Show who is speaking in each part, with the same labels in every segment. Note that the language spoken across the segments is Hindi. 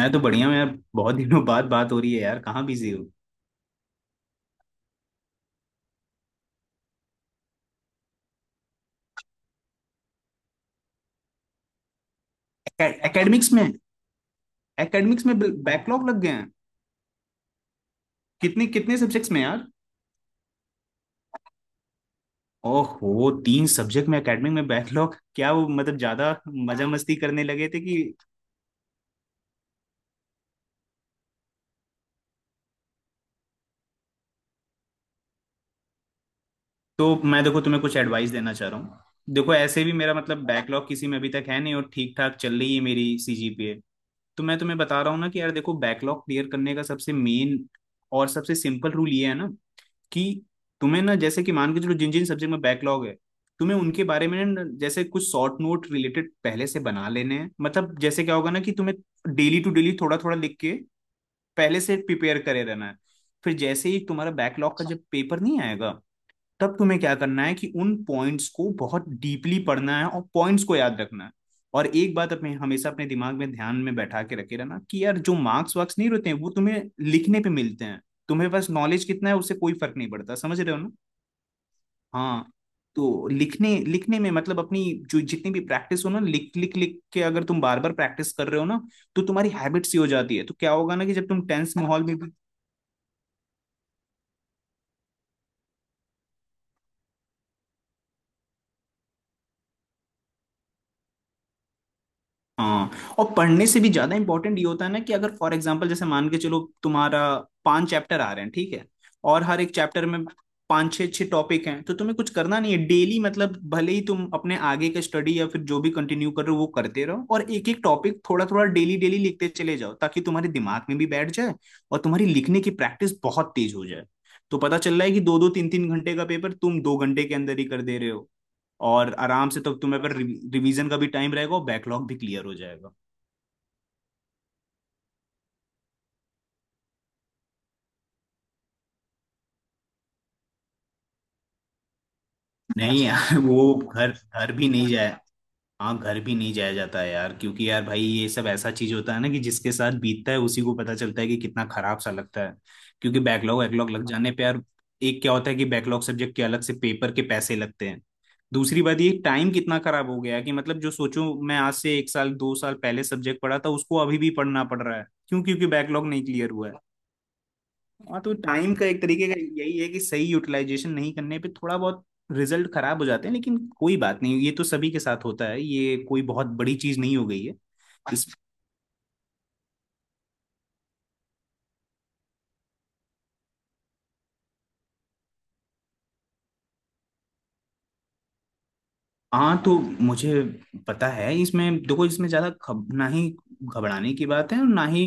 Speaker 1: मैं तो बढ़िया हूँ यार। बहुत दिनों बाद बात हो रही है यार, कहाँ बिजी हो? एकेडमिक्स में? एकेडमिक्स में बैकलॉग लग गए हैं? कितने कितने सब्जेक्ट्स में यार? ओहो, तीन सब्जेक्ट में एकेडमिक में बैकलॉग, क्या वो मतलब ज्यादा मजा मस्ती करने लगे थे कि? तो मैं देखो तुम्हें कुछ एडवाइस देना चाह रहा हूँ। देखो, ऐसे भी मेरा मतलब बैकलॉग किसी में अभी तक है नहीं और ठीक ठाक चल रही है मेरी सीजीपीए। तो मैं तुम्हें बता रहा हूँ ना कि यार देखो, बैकलॉग क्लियर करने का सबसे मेन और सबसे सिंपल रूल ये है ना कि तुम्हें ना, जैसे कि मान के चलो जिन जिन सब्जेक्ट में बैकलॉग है तुम्हें उनके बारे में ना जैसे कुछ शॉर्ट नोट रिलेटेड पहले से बना लेने हैं। मतलब जैसे क्या होगा ना कि तुम्हें डेली टू डेली थोड़ा थोड़ा लिख के पहले से प्रिपेयर करे रहना है। फिर जैसे ही तुम्हारा बैकलॉग का जब पेपर नहीं आएगा, तब तुम्हें क्या करना है कि उन पॉइंट्स को बहुत डीपली पढ़ना है और पॉइंट्स को याद रखना है। और एक बात अपने हमेशा अपने दिमाग में ध्यान में बैठा के रखे रहना कि यार जो मार्क्स वार्क्स नहीं रहते हैं वो तुम्हें लिखने पे मिलते हैं। तुम्हें बस नॉलेज कितना है उससे कोई फर्क नहीं पड़ता, समझ रहे हो ना? हाँ, तो लिखने लिखने में मतलब अपनी जो जितनी भी प्रैक्टिस हो ना, लिख लिख लिख के अगर तुम बार बार प्रैक्टिस कर रहे हो ना तो तुम्हारी हैबिट्स ही हो जाती है। तो क्या होगा ना कि जब तुम टेंस माहौल में भी। हाँ, और पढ़ने से भी ज्यादा इंपॉर्टेंट ये होता है ना कि अगर फॉर एग्जाम्पल जैसे मान के चलो, तुम्हारा पांच चैप्टर आ रहे हैं, ठीक है, और हर एक चैप्टर में पांच छः छः टॉपिक हैं। तो तुम्हें कुछ करना नहीं है डेली, मतलब भले ही तुम अपने आगे का स्टडी या फिर जो भी कंटिन्यू कर रहे हो वो करते रहो और एक एक टॉपिक थोड़ा थोड़ा डेली डेली लिखते चले जाओ ताकि तुम्हारे दिमाग में भी बैठ जाए और तुम्हारी लिखने की प्रैक्टिस बहुत तेज हो जाए। तो पता चल रहा है कि 2 2 3 3 घंटे का पेपर तुम 2 घंटे के अंदर ही कर दे रहे हो, और आराम से तब तुम्हें पर रिवीजन का भी टाइम रहेगा और बैकलॉग भी क्लियर हो जाएगा। नहीं अच्छा यार, वो घर घर भी नहीं जाया। हाँ, घर भी नहीं जाया जाता है यार, क्योंकि यार भाई ये सब ऐसा चीज होता है ना कि जिसके साथ बीतता है उसी को पता चलता है कि कितना खराब सा लगता है। क्योंकि बैकलॉग वैकलॉग लग जाने पे यार एक क्या होता है कि बैकलॉग सब्जेक्ट के अलग से पेपर के पैसे लगते हैं। दूसरी बात ये टाइम कितना खराब हो गया है कि मतलब जो सोचो, मैं आज से 1 साल 2 साल पहले सब्जेक्ट पढ़ा था उसको अभी भी पढ़ना पड़ रहा है। क्यों? क्योंकि बैकलॉग नहीं क्लियर हुआ है। हाँ तो टाइम का एक तरीके का यही है कि सही यूटिलाइजेशन नहीं करने पे थोड़ा बहुत रिजल्ट खराब हो जाते हैं, लेकिन कोई बात नहीं, ये तो सभी के साथ होता है, ये कोई बहुत बड़ी चीज नहीं हो गई है। इस हाँ तो मुझे पता है, इसमें देखो इसमें ज्यादा ना ही घबराने की बात है और ना ही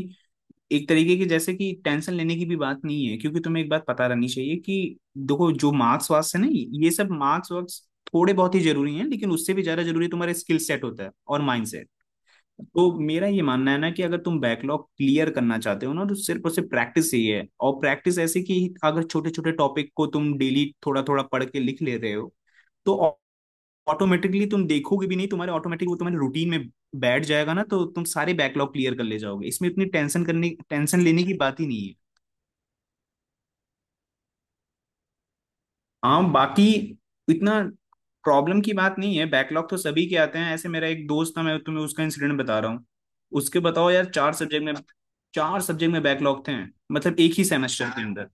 Speaker 1: एक तरीके की जैसे कि टेंशन लेने की भी बात नहीं है, क्योंकि तुम्हें एक बात पता रहनी चाहिए कि देखो जो मार्क्स वार्क्स है ना, ये सब मार्क्स वार्क्स थोड़े बहुत ही जरूरी हैं लेकिन उससे भी ज्यादा जरूरी तुम्हारे स्किल सेट होता है और माइंड सेट। तो मेरा ये मानना है ना कि अगर तुम बैकलॉग क्लियर करना चाहते हो ना, तो सिर्फ और सिर्फ प्रैक्टिस ही है। और प्रैक्टिस ऐसे कि अगर छोटे छोटे टॉपिक को तुम डेली थोड़ा थोड़ा पढ़ के लिख ले रहे हो, तो ऑटोमेटिकली तुम देखोगे भी नहीं, तुम्हारे ऑटोमेटिक वो तुम्हारे रूटीन में बैठ जाएगा ना, तो तुम सारे बैकलॉग क्लियर कर ले जाओगे। इसमें इतनी टेंशन करने टेंशन लेने की बात ही नहीं है। हाँ बाकी इतना प्रॉब्लम की बात नहीं है, बैकलॉग तो सभी के आते हैं। ऐसे मेरा एक दोस्त था, मैं तुम्हें उसका इंसिडेंट बता रहा हूँ। उसके बताओ यार चार सब्जेक्ट में, चार सब्जेक्ट में बैकलॉग थे। मतलब एक ही सेमेस्टर के अंदर,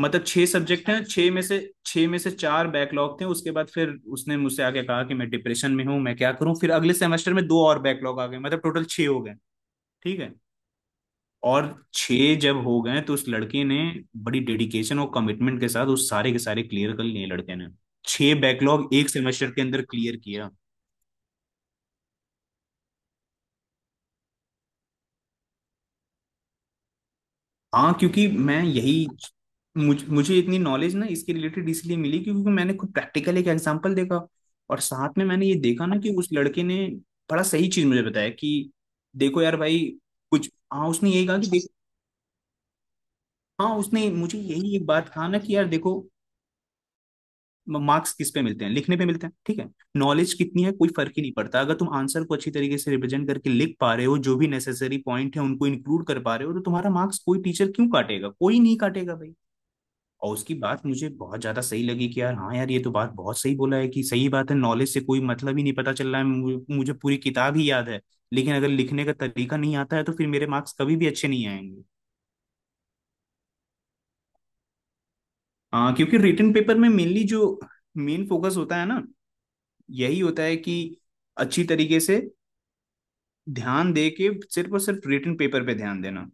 Speaker 1: मतलब छह सब्जेक्ट हैं, छह में से चार बैकलॉग थे। उसके बाद फिर उसने मुझसे आके कहा कि मैं डिप्रेशन में हूँ, मैं क्या करूँ। फिर अगले सेमेस्टर में दो और बैकलॉग आ गए, मतलब टोटल छह हो गए, ठीक है। और छह जब हो गए तो उस लड़के ने बड़ी डेडिकेशन और कमिटमेंट के साथ उस सारे के सारे क्लियर कर लिए लड़के ने। छह बैकलॉग एक सेमेस्टर के अंदर क्लियर किया। हाँ क्योंकि मैं यही मुझे इतनी नॉलेज ना इसके रिलेटेड इसलिए मिली क्योंकि मैंने खुद प्रैक्टिकल एक एग्जांपल देखा और साथ में मैंने ये देखा ना कि उस लड़के ने बड़ा सही चीज मुझे बताया कि देखो यार भाई। कुछ हाँ, उसने यही कहा कि देखो, हाँ उसने मुझे यही एक बात कहा ना कि यार देखो मार्क्स किस पे मिलते हैं? लिखने पे मिलते हैं, ठीक है। नॉलेज कितनी है कोई फर्क ही नहीं पड़ता, अगर तुम आंसर को अच्छी तरीके से रिप्रेजेंट करके लिख पा रहे हो, जो भी नेसेसरी पॉइंट है उनको इंक्लूड कर पा रहे हो, तो तुम्हारा मार्क्स कोई टीचर क्यों काटेगा? कोई नहीं काटेगा भाई। और उसकी बात मुझे बहुत ज्यादा सही लगी कि यार हाँ यार, ये तो बात बहुत सही बोला है, कि सही बात है, नॉलेज से कोई मतलब ही नहीं। पता चल रहा है, मुझे मुझे पूरी किताब ही याद है, लेकिन अगर लिखने का तरीका नहीं आता है तो फिर मेरे मार्क्स कभी भी अच्छे नहीं आएंगे। हाँ क्योंकि रिटन पेपर में मेनली जो मेन फोकस होता है ना, यही होता है कि अच्छी तरीके से ध्यान दे के सिर्फ और सिर्फ रिटन पेपर पे ध्यान देना।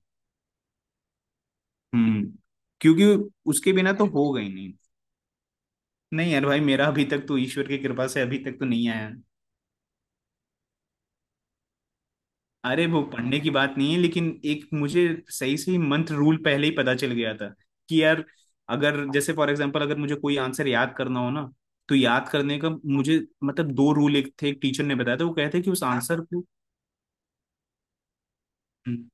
Speaker 1: हम्म, क्योंकि उसके बिना तो होगा ही नहीं। नहीं यार भाई, मेरा अभी तक तो ईश्वर की कृपा से अभी तक तो नहीं आया। अरे वो पढ़ने की बात नहीं है, लेकिन एक मुझे सही सही मंत्र रूल पहले ही पता चल गया था कि यार अगर जैसे फॉर एग्जांपल अगर मुझे कोई आंसर याद करना हो ना, तो याद करने का मुझे मतलब दो रूल एक थे, एक टीचर ने बताया था, वो कहते हैं कि उस आंसर को। हम्म।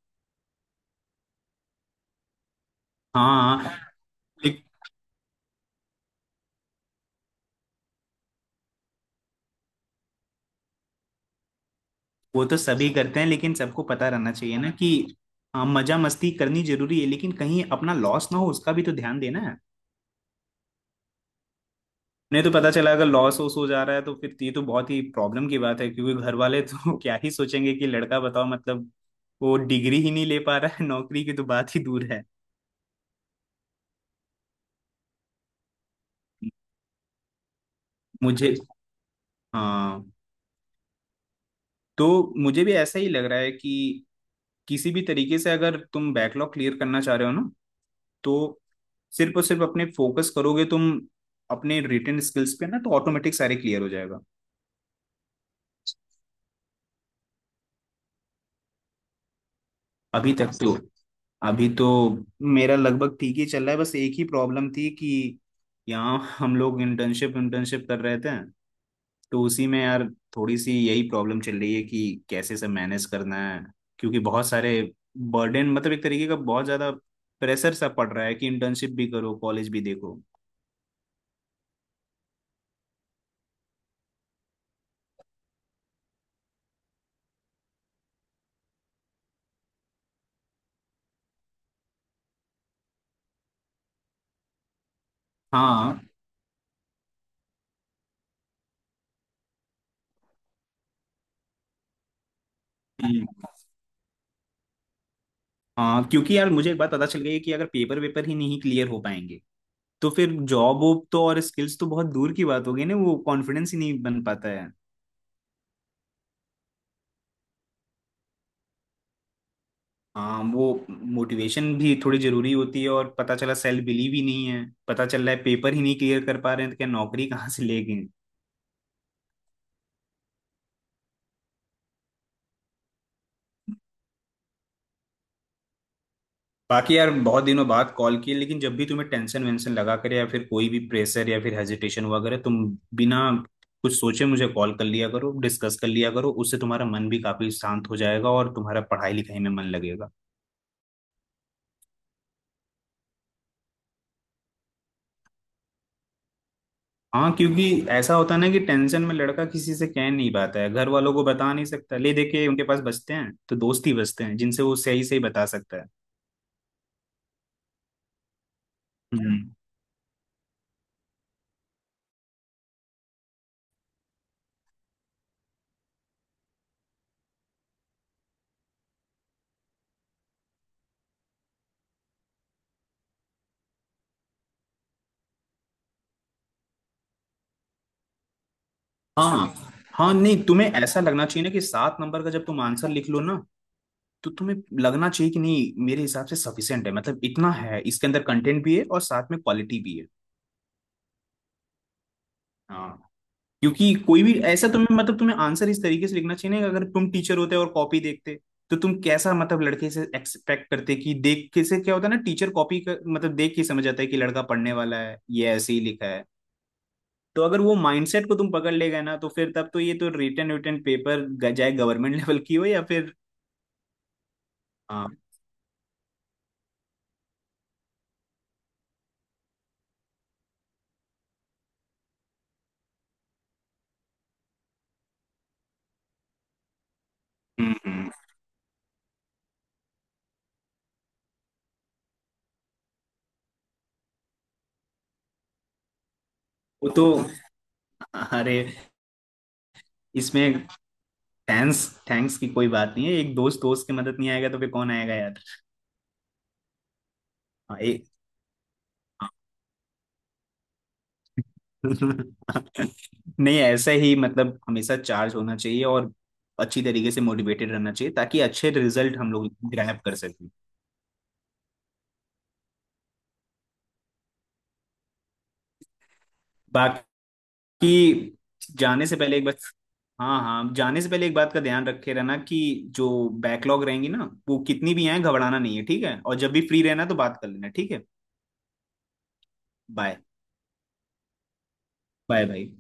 Speaker 1: हाँ हाँ, हाँ। एक- वो तो सभी करते हैं, लेकिन सबको पता रहना चाहिए ना कि हाँ मजा मस्ती करनी जरूरी है लेकिन कहीं अपना लॉस ना हो उसका भी तो ध्यान देना। नहीं तो पता चला अगर लॉस वॉस हो जा रहा है तो फिर ये तो बहुत ही प्रॉब्लम की बात है, क्योंकि घर वाले तो क्या ही सोचेंगे कि लड़का बताओ, मतलब वो डिग्री ही नहीं ले पा रहा है, नौकरी की तो बात ही दूर है। मुझे हाँ तो मुझे भी ऐसा ही लग रहा है कि किसी भी तरीके से अगर तुम बैकलॉग क्लियर करना चाह रहे हो ना, तो सिर्फ और सिर्फ अपने फोकस करोगे तुम अपने रिटेन स्किल्स पे ना तो ऑटोमेटिक सारे क्लियर हो जाएगा। अभी तक तो अभी तो मेरा लगभग ठीक ही चल रहा है, बस एक ही प्रॉब्लम थी कि यहाँ हम लोग इंटर्नशिप इंटर्नशिप कर रहे थे। तो उसी में यार थोड़ी सी यही प्रॉब्लम चल रही है कि कैसे सब मैनेज करना है, क्योंकि बहुत सारे बर्डन, मतलब एक तरीके का बहुत ज्यादा प्रेशर सा पड़ रहा है कि इंटर्नशिप भी करो कॉलेज भी देखो। हाँ। हम्म। हाँ क्योंकि यार मुझे एक बात पता चल गई है कि अगर पेपर वेपर ही नहीं क्लियर हो पाएंगे तो फिर जॉब वॉब तो और स्किल्स तो बहुत दूर की बात हो गई ना, वो कॉन्फिडेंस ही नहीं बन पाता है। हाँ वो मोटिवेशन भी थोड़ी जरूरी होती है और पता चला सेल्फ बिलीव ही नहीं है, पता चल रहा है पेपर ही नहीं क्लियर कर पा रहे हैं, तो क्या नौकरी कहाँ से लेंगे। बाकी यार बहुत दिनों बाद कॉल किए, लेकिन जब भी तुम्हें टेंशन वेंशन लगा करे या फिर कोई भी प्रेशर या फिर हेजिटेशन हुआ करे, तुम बिना कुछ सोचे मुझे कॉल कर लिया करो, डिस्कस कर लिया करो, उससे तुम्हारा मन भी काफी शांत हो जाएगा और तुम्हारा पढ़ाई लिखाई में मन लगेगा। हाँ क्योंकि ऐसा होता है ना कि टेंशन में लड़का किसी से कह नहीं पाता है, घर वालों को बता नहीं सकता, ले देके उनके पास बचते हैं तो दोस्त ही बचते हैं जिनसे वो सही सही बता सकता है। हम्म। हाँ हाँ, नहीं तुम्हें ऐसा लगना चाहिए ना कि 7 नंबर का जब तुम आंसर लिख लो ना, तो तुम्हें लगना चाहिए कि नहीं मेरे हिसाब से सफिशियंट है, मतलब इतना है, इसके अंदर कंटेंट भी है और साथ में क्वालिटी भी है। क्योंकि कोई भी ऐसा तुम्हें मतलब तुम्हें आंसर इस तरीके से लिखना चाहिए ना कि अगर तुम टीचर होते और कॉपी देखते, तो तुम कैसा मतलब लड़के से एक्सपेक्ट करते कि देख के से क्या होता है ना। टीचर कॉपी कर मतलब देख के समझ जाता है कि लड़का पढ़ने वाला है ये ऐसे ही लिखा है। तो अगर वो माइंडसेट को तुम पकड़ ले गए ना, तो फिर तब तो ये तो रिटन रिटन पेपर चाहे गवर्नमेंट लेवल की हो या फिर। हाँ। हम्म हम्म। वो तो अरे इसमें थैंक्स थैंक्स की कोई बात नहीं है, एक दोस्त दोस्त की मदद नहीं आएगा तो फिर कौन आएगा यार। हाँ, नहीं ऐसे ही मतलब हमेशा चार्ज होना चाहिए और अच्छी तरीके से मोटिवेटेड रहना चाहिए ताकि अच्छे रिजल्ट हम लोग ग्रैब कर सकें। बाकी जाने से पहले एक बार, हाँ हाँ जाने से पहले एक बात का ध्यान रखे रहना कि जो बैकलॉग रहेंगी ना वो कितनी भी आए घबराना नहीं है, ठीक है। और जब भी फ्री रहना तो बात कर लेना, ठीक है। बाय। बाय भाई।